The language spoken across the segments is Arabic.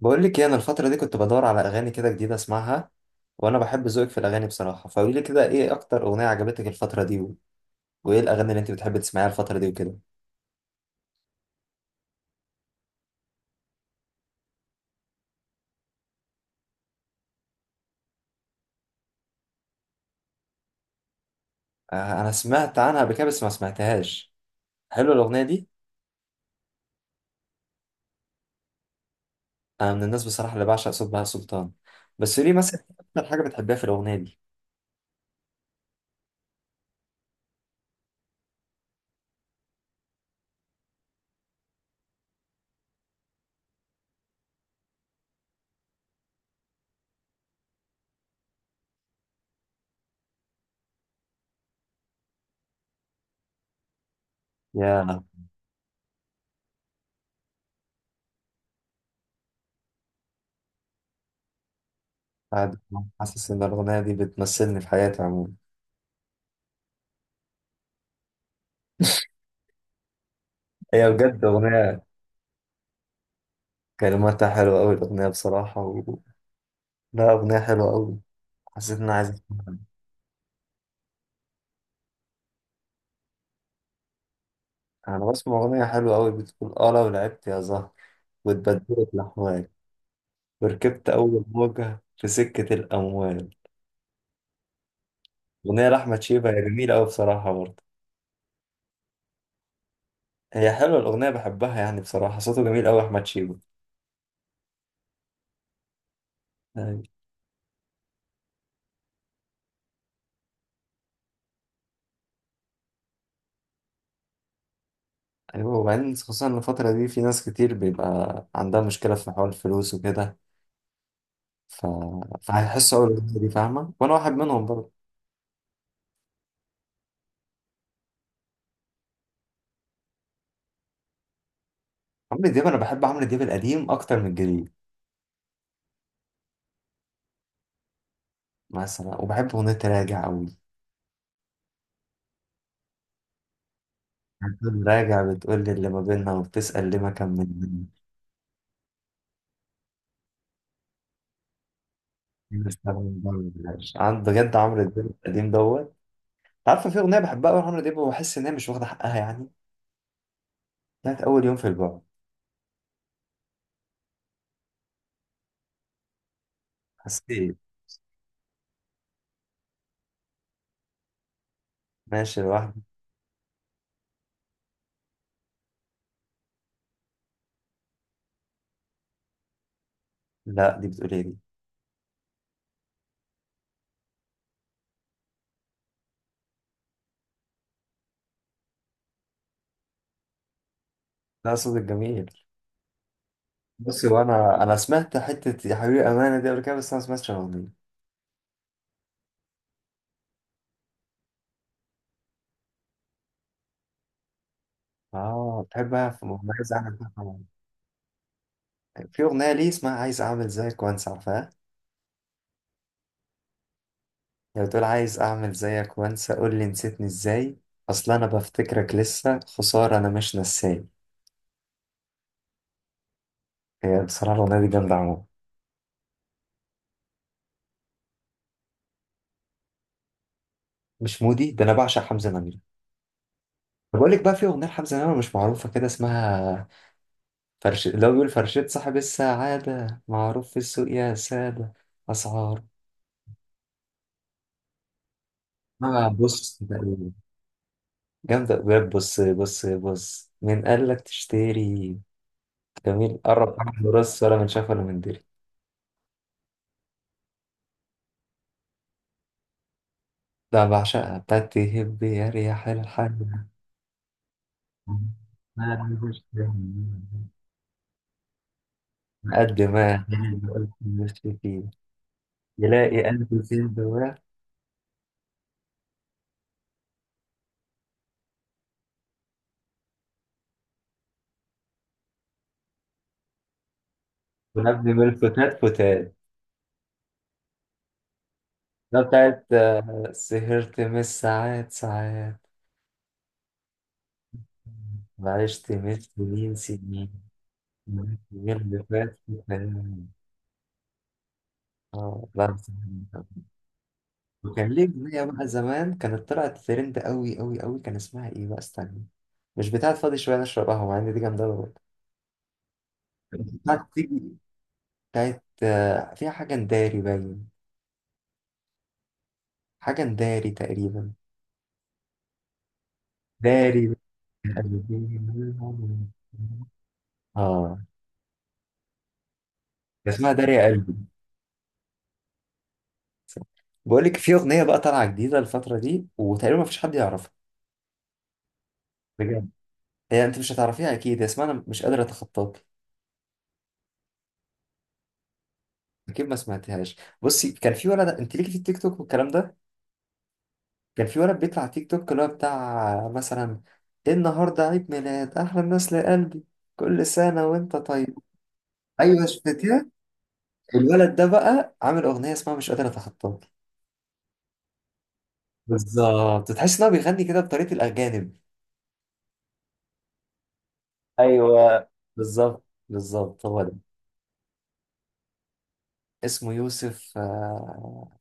بقول لك ايه، انا الفتره دي كنت بدور على اغاني كده جديده اسمعها. وانا بحب ذوقك في الاغاني بصراحه، فقولي لي كده ايه اكتر اغنيه عجبتك الفتره دي و... وايه الاغاني اللي انت بتحبي تسمعيها الفتره دي وكده؟ آه انا سمعت عنها قبل كده بس ما سمعتهاش. حلوه الاغنيه دي. انا من الناس بصراحه اللي بعشق صوت بهاء سلطان. بس قولي مثلا إيه اكتر حاجه بتحبيها في الاغنيه دي؟ يا بعد ما حاسس ان الاغنيه دي بتمثلني في حياتي عموما. هي بجد اغنيه، كلماتها حلوه قوي الاغنيه بصراحه و... لا اغنيه حلوه قوي. حسيت ان انا عايز أسمعها. انا بسمع اغنيه حلوه قوي بتقول اه لو لعبت يا زهر واتبدلت لحواك وركبت اول موجه في سكه الاموال. اغنيه لاحمد شيبه، هي جميله قوي بصراحه برضه. هي حلوه الاغنيه بحبها يعني، بصراحه صوته جميل قوي احمد شيبه. أي- ايوه وبعدين خصوصا إن الفتره دي في ناس كتير بيبقى عندها مشكله في حوار الفلوس وكده، ف... فهيحسوا اول الاغنيه دي فاهمه وانا واحد منهم برضه. عمرو دياب، انا بحب عمرو دياب القديم اكتر من الجديد. مثلا وبحب اغنيه راجع قوي. هتقوم راجع بتقول لي اللي ما بيننا وبتسأل ليه ما كملنا، ليه ما اشتغلنا ده ما عملناش؟ عن بجد عمرو دياب القديم دوت. أنت عارفه في أغنية بحبها أوي لعمرو دياب وبحس إن هي مش واخدة حقها يعني، بتاعت أول يوم في البعد. حسيت ماشي لوحدي. لا دي بتقول إيه دي؟ لا صوت الجميل. بصي، وأنا سمعت حتة يا حبيبي أمانة دي قبل كده بس أنا ما سمعتش الأغنية. آه بتحبها، في أغنية عايز أعمل كده طبعا. في أغنية ليه اسمها عايز أعمل زيك وأنسى، عارفاها؟ لو تقول عايز اعمل زيك وانسى قول لي نسيتني ازاي، اصل انا بفتكرك لسه خسارة انا مش نساي. هي بصراحة الاغنية دي جامدة عموما. مش مودي ده، انا بعشق حمزة نمرة. بقول لك بقى في اغنية لحمزة نمرة مش معروفة كده، اسمها فرش، اللي هو بيقول فرشة صاحب السعادة معروف في السوق يا سادة، اسعار. ما بص تقريباً. جامدة بجد. بص بص بص، من قال لك تشتري جميل قرب راح راس، ولا من شاف ولا من دري. ده بعشقها، بتاعت تهب يا ريح الحاجة. ما بيجوش فاهم. قد ما الألف مش فيه يلاقي ألف سين دواه. ونبني من الفتات فتات. ده بتاعت آه، سهرت من الساعات ساعات وعشت من سنين سنين اليوم اللي فات. كان- اه لا بس- وكان ليه أغنية بقى زمان كانت طلعت ترند أوي أوي أوي، كان اسمها إيه بقى استنى. مش بتاعت فاضي شوية نشرب قهوة، مع إن دي جامدة أوي برضه. بتاعت تيجي، بتاعت آه، فيها حاجة نداري باين. حاجة داري تقريبا. داري. قلبي منهم. اه. ده اسمها داري يا قلبي. بقول لك في اغنيه بقى طالعه جديده الفتره دي وتقريبا ما فيش حد يعرفها. بجد، هي انت مش هتعرفيها اكيد، هي اسمها انا مش قادر اتخطاك. اكيد ما سمعتهاش. بصي، كان في ولد انت ليكي في التيك توك والكلام ده. كان في ولد بيطلع على تيك توك اللي هو بتاع مثلا النهارده عيد ميلاد احلى الناس لقلبي، كل سنه وانت طيب. ايوه شفتيها؟ الولد ده بقى عامل اغنيه اسمها مش قادر اتخطاك. بالظبط، تحس ان هو بيغني كده بطريقه الاجانب. ايوه، بالظبط. بالظبط، هو ده. اسمه يوسف آه،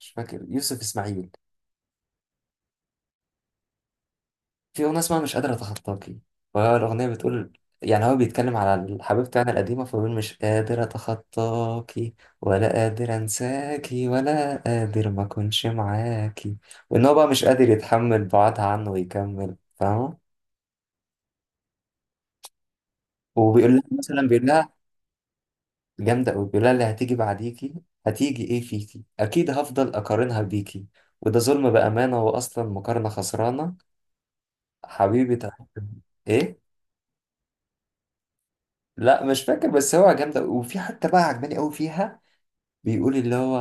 مش فاكر، يوسف اسماعيل. في اغنيه اسمها مش قادر اتخطاكي، وهي الاغنيه بتقول، يعني هو بيتكلم على الحبيب بتاعنا القديمه، فبيقول مش قادر اتخطاكي، ولا قادر انساكي، ولا قادر ما اكونش معاكي، وان هو بقى مش قادر يتحمل بعدها عنه ويكمل فاهمه. وبيقول لها مثلا، بيقول لها جامدة أوي، بيقولها اللي هتيجي بعديكي هتيجي إيه فيكي؟ أكيد هفضل أقارنها بيكي، وده ظلم بأمانة، وأصلا مقارنة خسرانة. حبيبي تحب إيه؟ لا مش فاكر بس هو جامدة أوي. وفي حتة بقى عجباني أوي فيها، بيقول اللي هو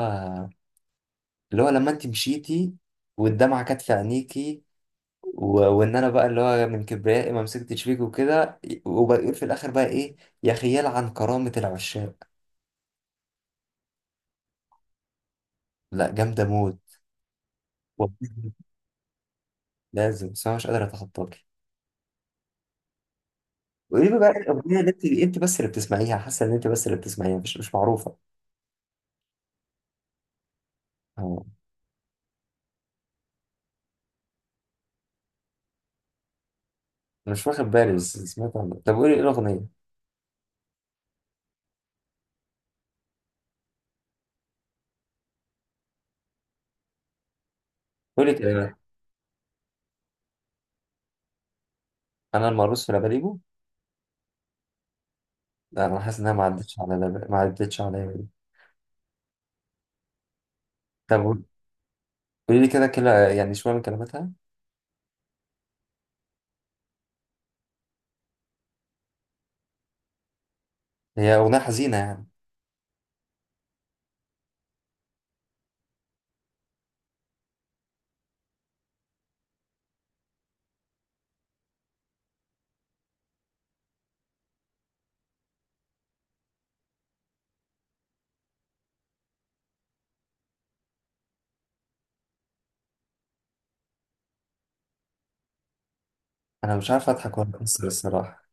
لما أنت مشيتي والدمعة كانت في عينيكي و... وإن أنا بقى اللي هو من كبريائي ما مسكتش فيك وكده. وبيقول في الآخر بقى إيه؟ يا خيال عن كرامة العشاق. لا جامدة موت والله. لازم بس أنا مش قادر أتخطاك. وقولي لي بقى إيه الاغنيه اللي انت بس اللي بتسمعيها، حاسه ان انت بس اللي بتسمعيها، مش معروفه. أه، انا مش واخد بالي بس سمعت عنها، طب قولي ايه الاغنيه. قولي كده. انا المرقص في لاباليبو. لا انا حاسس انها ما عدتش على لب... ما عدتش عليا دي. طب قولي لي كده يعني شويه من كلماتها. هي اغنيه حزينه يعني؟ انا مش عارف اضحك ولا اكسر الصراحه.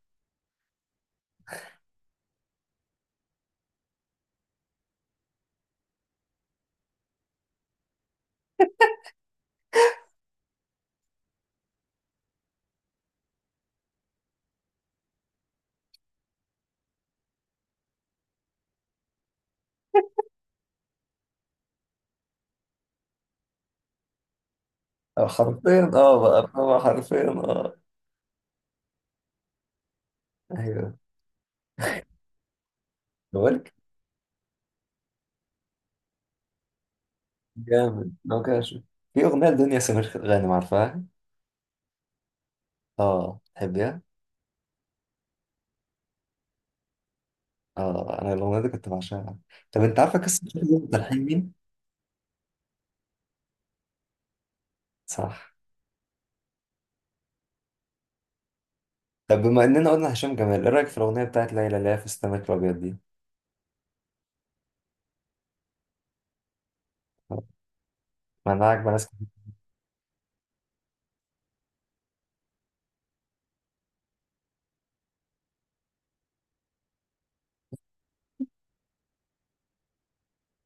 آه، حرفيا اه بقى، آه، حرفيا اه. ايوه. بقولك، جامد لو كده شوف. في اغنيه لدنيا سمير غانم، عارفاها؟ اه تحبيها؟ اه انا الاغنيه دي كنت بعشقها. طب انت عارفه قصه هشام تلحين مين؟ صح. طب بما اننا قلنا هشام جمال، ايه رايك في الاغنيه بتاعت ليلى اللي هي في السمك الابيض دي؟ ما انا عاجبه ناس كتير.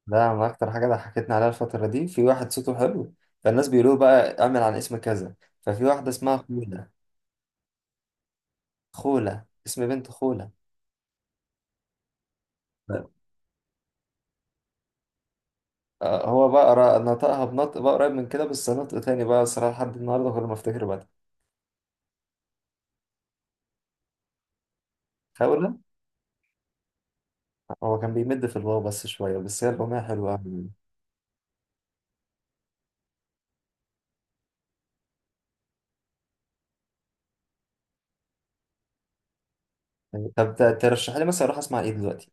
ده من اكتر حاجه ضحكتني عليها الفتره دي، في واحد صوته حلو، فالناس بيقولوا بقى اعمل عن اسم كذا. ففي واحده اسمها خوله. خوله اسم بنت، خوله. آه، هو بقى نطقها بنطق بقى قريب من كده بس نطق تاني بقى الصراحه لحد النهارده كل ما افتكر بقى خوله. هو كان بيمد في الواو بس شويه بس هي الاغنيه حلوه أوي. طب ترشح لي مثلا اروح اسمع ايه دلوقتي؟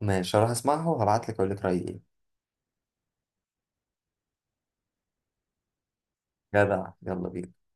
ماشي اروح اسمعها وهبعت لك اقول لك رايي ايه. جدع، يلا بينا.